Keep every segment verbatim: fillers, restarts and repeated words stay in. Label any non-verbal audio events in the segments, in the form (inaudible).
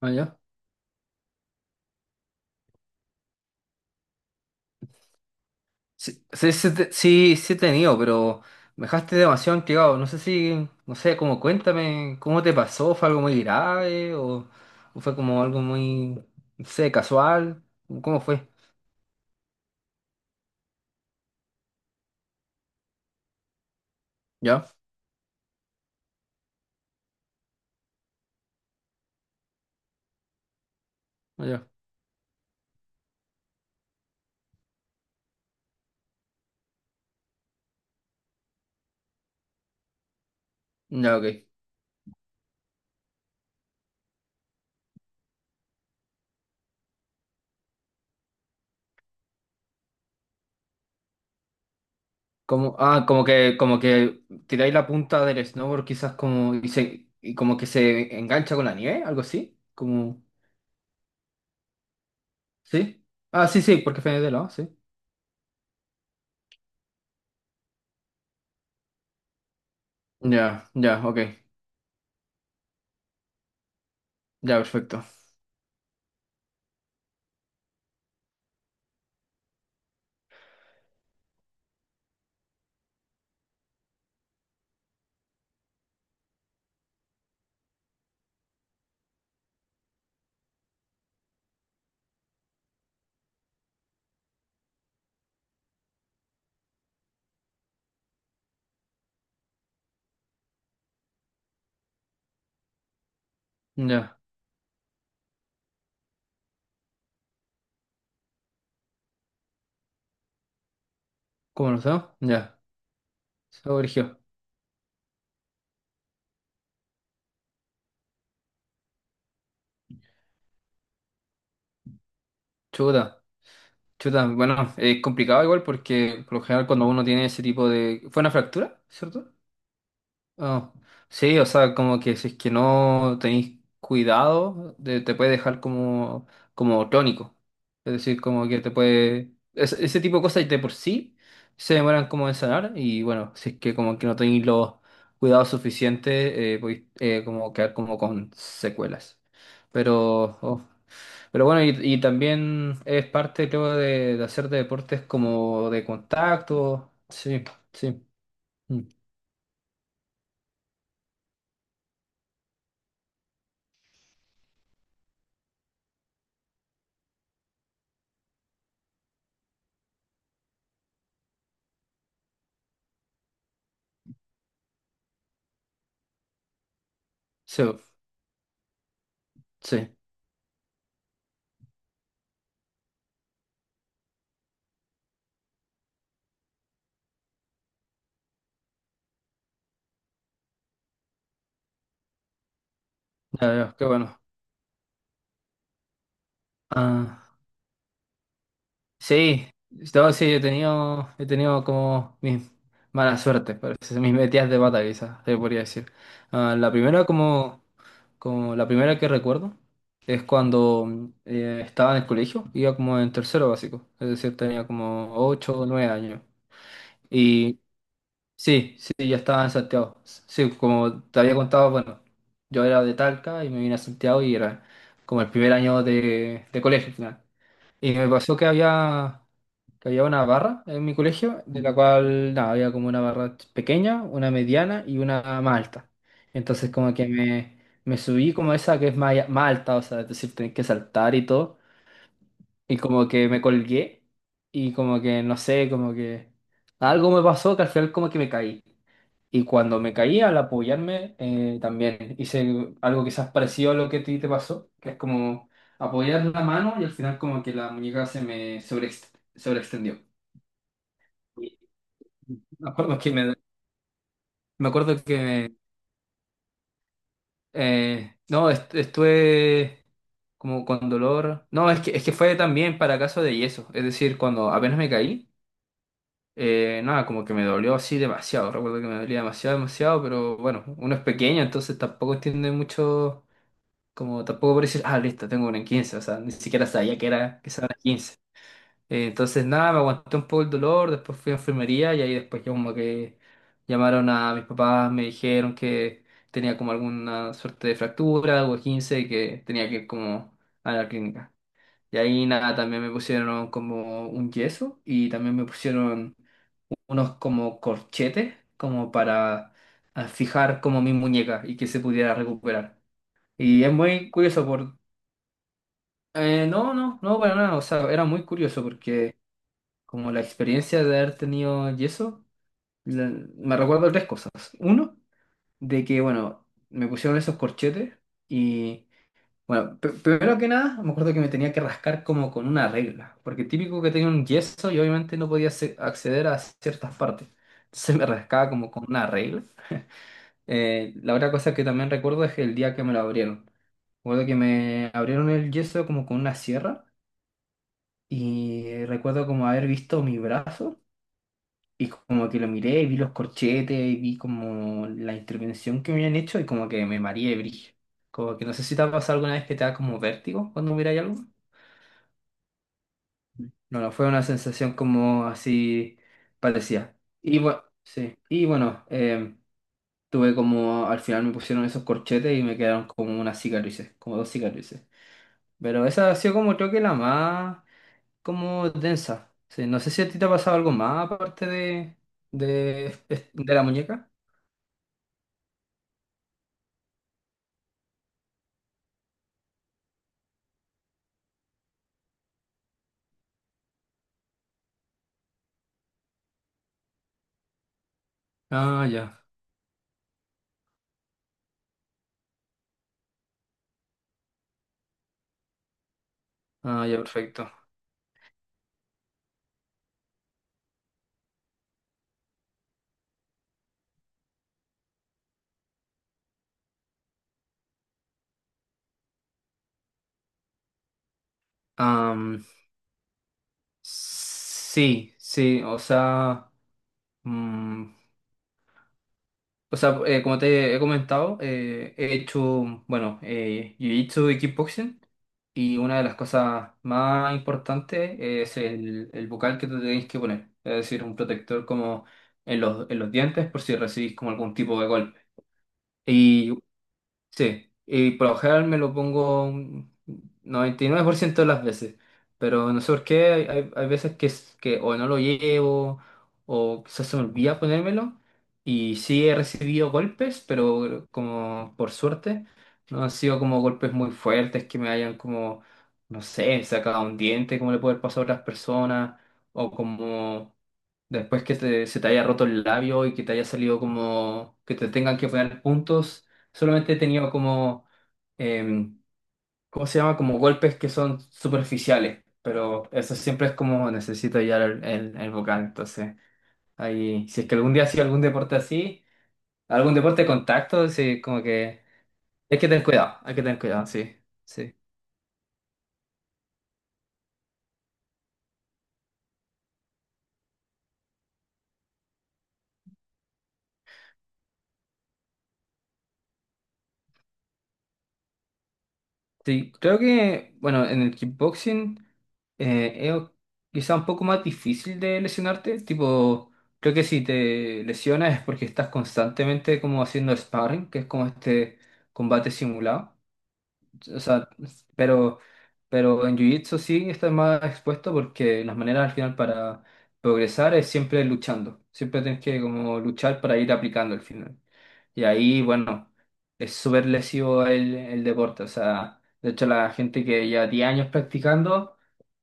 Ah, ya. Sí, sí, sí, te- sí, sí he tenido, pero me dejaste demasiado intrigado. No sé si, no sé, como cuéntame, ¿cómo te pasó? ¿Fue algo muy grave o, o fue como algo muy, no sé, casual? ¿Cómo fue? ¿Ya? Ah, ya. Ya, ok. Como, ah, como que, como que tiráis la punta del snowboard quizás como, y se, y como que se engancha con la nieve, algo así, como, ¿sí? Ah, sí, sí, porque fue de lado, sí. Ya, ya, ok. Ya, perfecto. Ya. ¿Cómo lo sé? Ya. Sergio, chuta, chuta, bueno, es complicado igual porque por lo general cuando uno tiene ese tipo de. ¿Fue una fractura, cierto? Ah, sí, o sea, como que si es que no tenéis cuidado, de- te puede dejar como, como, tónico. Es decir, como que te puede. Es- ese tipo de cosas de por sí se demoran como en sanar y bueno, si es que como que no tenéis los cuidados suficientes, eh, podéis eh, como quedar como con secuelas. Pero, oh, pero bueno, y, y, también es parte, creo, de, de hacer deportes como de contacto. Sí, sí, mm, sí, sí, ya veo, qué bueno. Ah, sí, no, sí, he tenido, he tenido, como mis mala suerte, parece, (laughs) mis metidas de pata, quizás, se podría decir. Ah, la primera, como, como la primera que recuerdo, es cuando eh, estaba en el colegio, iba como en tercero básico, es decir, tenía como ocho o nueve años. Sí, sí, ya estaba en Santiago. Sí, como te había contado, bueno, yo era de Talca y me vine a Santiago y era como el primer año de, de, colegio al final. Y me pasó que había, que había una barra en mi colegio, de la cual nada, había como una barra pequeña, una mediana y una más alta. Entonces como que me, me subí como esa que es más, más alta, o sea, es decir, tenés que saltar y todo. Y como que me colgué y como que, no sé, como que algo me pasó que al final como que me caí. Y cuando me caí al apoyarme, eh, también hice algo quizás parecido a lo que a ti te pasó, que es como apoyar la mano y al final como que la muñeca se me sobreext- sobreextendió. Y (laughs) Me acuerdo que me, me acuerdo que eh, no, est- estuve como con dolor. No, es que, es que fue también para caso de yeso, es decir, cuando apenas me caí. Eh, nada, como que me dolió así demasiado. Recuerdo que me dolía demasiado, demasiado, pero bueno, uno es pequeño, entonces tampoco entiende mucho, como tampoco por decir, ah, listo, tengo una en quince o sea, ni siquiera sabía que era que era una quince. Eh, entonces nada, me aguanté un poco el dolor, después fui a enfermería y ahí después ya como que llamaron a mis papás, me dijeron que tenía como alguna suerte de fractura, algo de quince, y que tenía que ir como a la clínica. Y ahí nada, también me pusieron como un yeso y también me pusieron unos como corchetes, como para ah, fijar como mi muñeca y que se pudiera recuperar. Y es muy curioso por. eh, no, no, no, para nada. O sea, era muy curioso porque como la experiencia de haber tenido yeso, la- me recuerdo tres cosas. Uno, de que, bueno, me pusieron esos corchetes y. Bueno, pr- primero que nada, me acuerdo que me tenía que rascar como con una regla, porque típico que tenía un yeso y obviamente no podía acce- acceder a ciertas partes. Entonces me rascaba como con una regla. Eh, la otra cosa que también recuerdo es el día que me lo abrieron. Recuerdo que me abrieron el yeso como con una sierra y recuerdo como haber visto mi brazo y como que lo miré y vi los corchetes y vi como la intervención que me habían hecho y como que me mareé brillo. Como que no sé si te ha pasado alguna vez que te da como vértigo cuando miras algo. No, no, fue una sensación como así parecía. Y bueno, sí. Y bueno, em, tuve como, al final me pusieron esos corchetes y me quedaron como unas cicatrices, como dos cicatrices. Pero esa ha sido como creo que la más como densa. Sí, no sé si a ti te ha pasado algo más aparte de, de, de la muñeca. Ah, ya. Ah, ya, perfecto. Am, sí, sí, o sea, mm, o sea, eh, como te he comentado, eh, he hecho, bueno, eh, jiu-jitsu y kickboxing. Y una de las cosas más importantes es el, el bucal que te tenéis que poner. Es decir, un protector como en los, en los dientes por si recibís como algún tipo de golpe. Y Sí, y por lo general me lo pongo un noventa y nueve por ciento de las veces, pero no sé por qué, hay, hay- hay veces que, es- que o no lo llevo o quizás se me olvida ponérmelo y sí he recibido golpes, pero como por suerte no han sido como golpes muy fuertes que me hayan como, no sé, sacado un diente como le puede pasar a otras personas o como. Después que te- se te haya roto el labio y que te haya salido como que te tengan que poner puntos, solamente he tenido como, em, ¿cómo se llama? Como golpes que son superficiales, pero eso siempre es como necesito ya el, el, el vocal. Entonces, ahí, si es que algún día hacía algún deporte así, algún deporte de contacto, sí, como que hay que tener cuidado, hay que tener cuidado, sí, sí. Sí, creo que, bueno, en el kickboxing eh, es quizá un poco más difícil de lesionarte. Tipo, creo que si te lesionas es porque estás constantemente como haciendo sparring, que es como este combate simulado. O sea, s- pero, pero en Jiu-Jitsu sí estás más expuesto porque las maneras al final para progresar es siempre luchando. Siempre tienes que como luchar para ir aplicando al final. Y ahí, bueno, es súper lesivo el, el deporte. O sea, de hecho la gente que lleva diez años practicando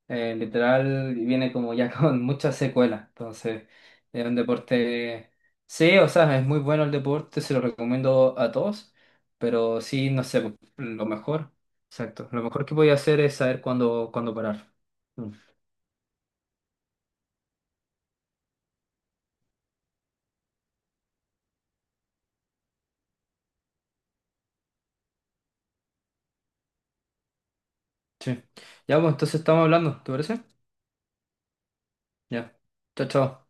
eh, literal viene como ya (laughs) con muchas secuelas. Entonces, es un deporte. Sí, o sea, es muy bueno el deporte, se lo recomiendo a todos, pero sí, no sé, pues, lo mejor. Exacto. Lo mejor que voy a hacer es saber cuándo, cuándo parar. Mm, sí. Ya, pues entonces estamos hablando, ¿te parece? Ya. Chao, chao.